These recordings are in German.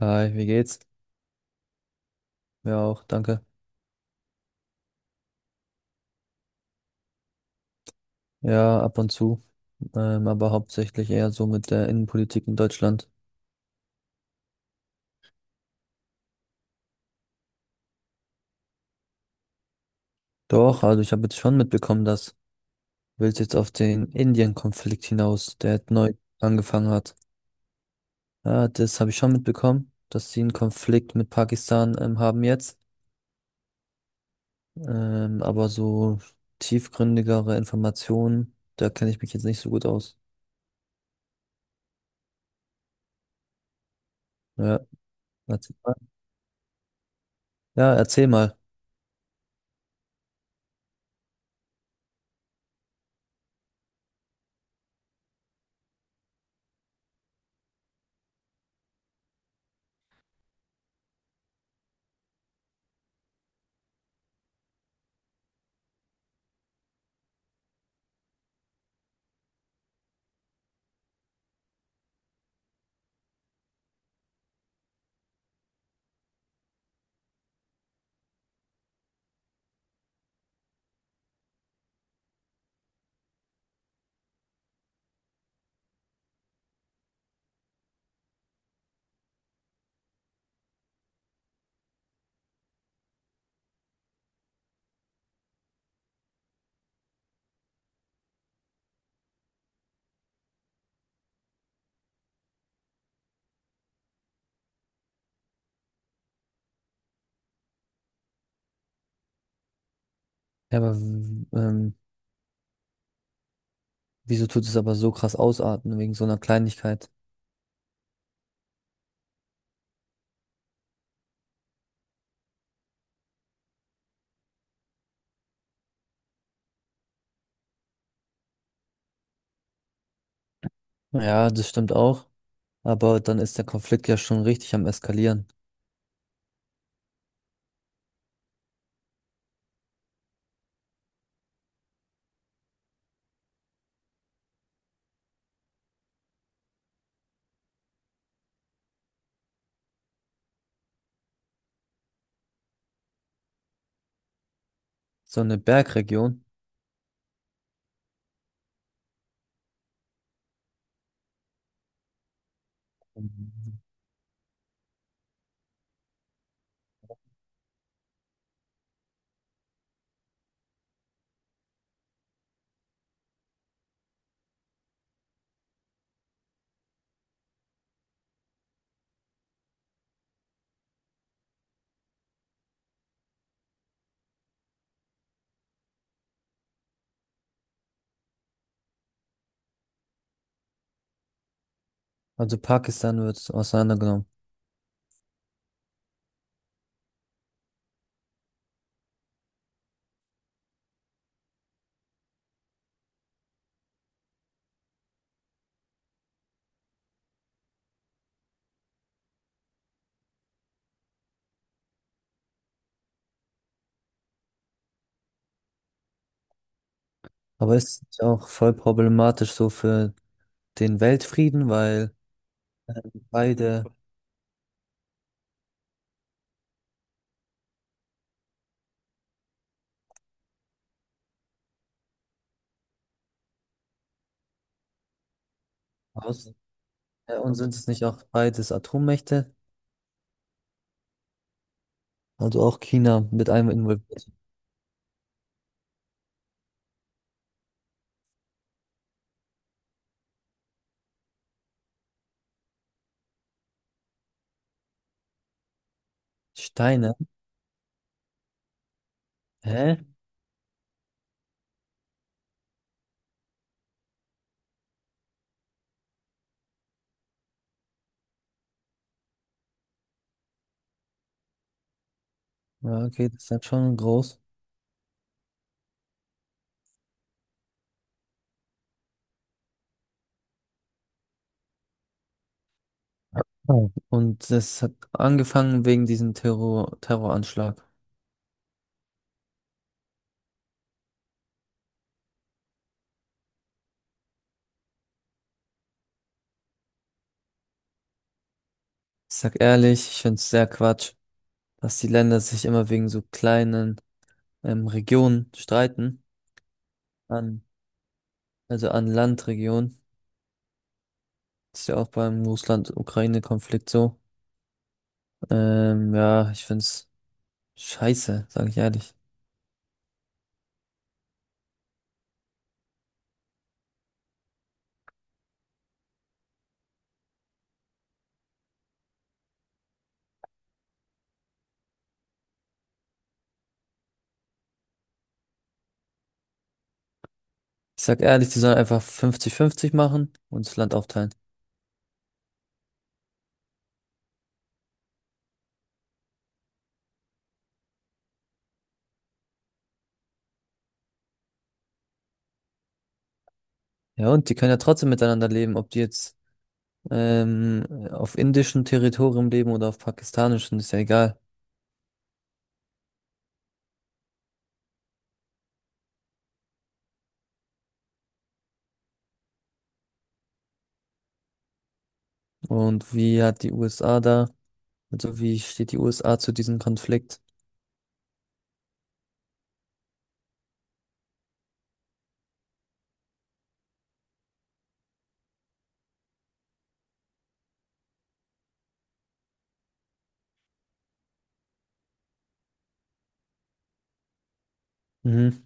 Hi, wie geht's? Ja, auch, danke. Ja, ab und zu, aber hauptsächlich eher so mit der Innenpolitik in Deutschland. Doch, also ich habe jetzt schon mitbekommen, dass willst jetzt auf den Indien-Konflikt hinaus, der jetzt neu angefangen hat. Ja, das habe ich schon mitbekommen, dass sie einen Konflikt mit Pakistan haben jetzt. Aber so tiefgründigere Informationen, da kenne ich mich jetzt nicht so gut aus. Ja, erzähl mal. Ja, erzähl mal. Ja, aber wieso tut es aber so krass ausarten wegen so einer Kleinigkeit? Ja, das stimmt auch. Aber dann ist der Konflikt ja schon richtig am Eskalieren. So eine Bergregion. Mhm. Also Pakistan wird auseinandergenommen. Aber ist nicht auch voll problematisch so für den Weltfrieden, weil beide aus und sind es nicht auch beides Atommächte? Also auch China mit einem involviert. Steine? Hä? Ja, okay, das ist dann schon groß. Oh. Und das hat angefangen wegen diesem Terroranschlag. Ich sag ehrlich, ich find's sehr Quatsch, dass die Länder sich immer wegen so kleinen Regionen streiten. An, also an Landregionen. Das ist ja auch beim Russland-Ukraine-Konflikt so. Ja, ich find's scheiße, sage ich ehrlich. Ich sag ehrlich, die sollen einfach 50:50 machen und das Land aufteilen. Ja, und die können ja trotzdem miteinander leben, ob die jetzt auf indischem Territorium leben oder auf pakistanischem, ist ja egal. Und wie hat die USA da, also wie steht die USA zu diesem Konflikt? Mhm.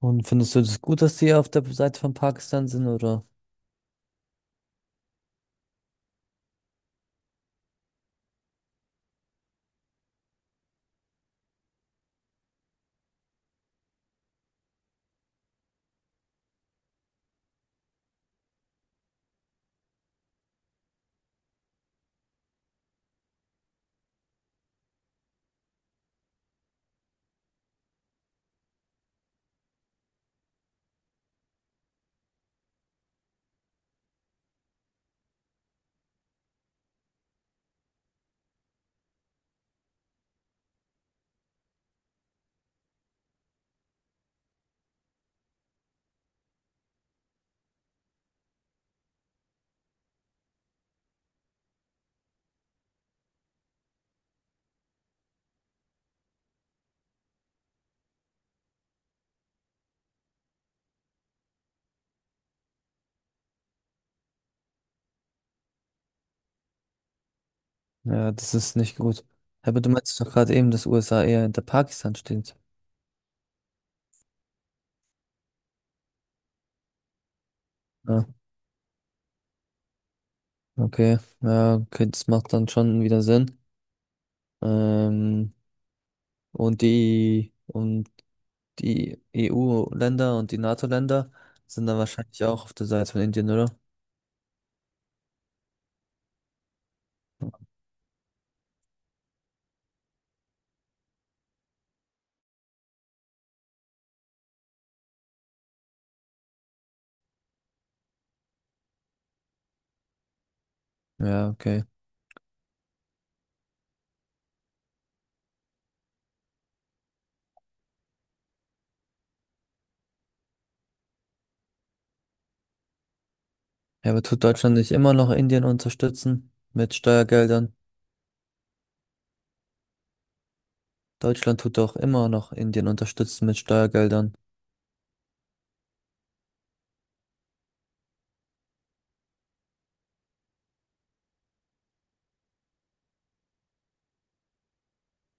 Und findest du das gut, dass die auf der Seite von Pakistan sind, oder? Ja, das ist nicht gut. Aber du meinst doch gerade eben, dass USA eher hinter Pakistan steht. Ja, okay. Ja, okay, das macht dann schon wieder Sinn. Ähm, und die EU-Länder und die NATO-Länder sind dann wahrscheinlich auch auf der Seite von Indien, oder? Ja, okay. Ja, aber tut Deutschland nicht immer noch Indien unterstützen mit Steuergeldern? Deutschland tut doch immer noch Indien unterstützen mit Steuergeldern.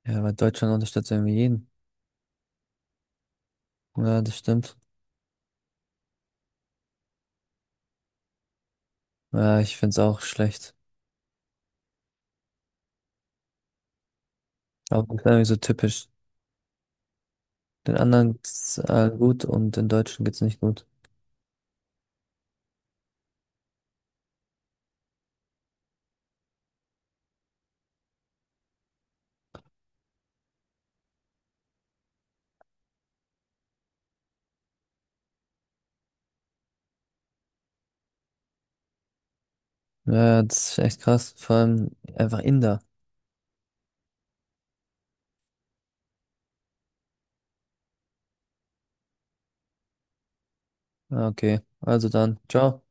Ja, weil Deutschland unterstützt irgendwie jeden. Ja, das stimmt. Ja, ich find's auch schlecht. Aber das ist irgendwie so typisch. Den anderen geht's gut und den Deutschen geht's nicht gut. Ja, das ist echt krass. Vor allem einfach Inder. Ja, okay, also dann, ciao.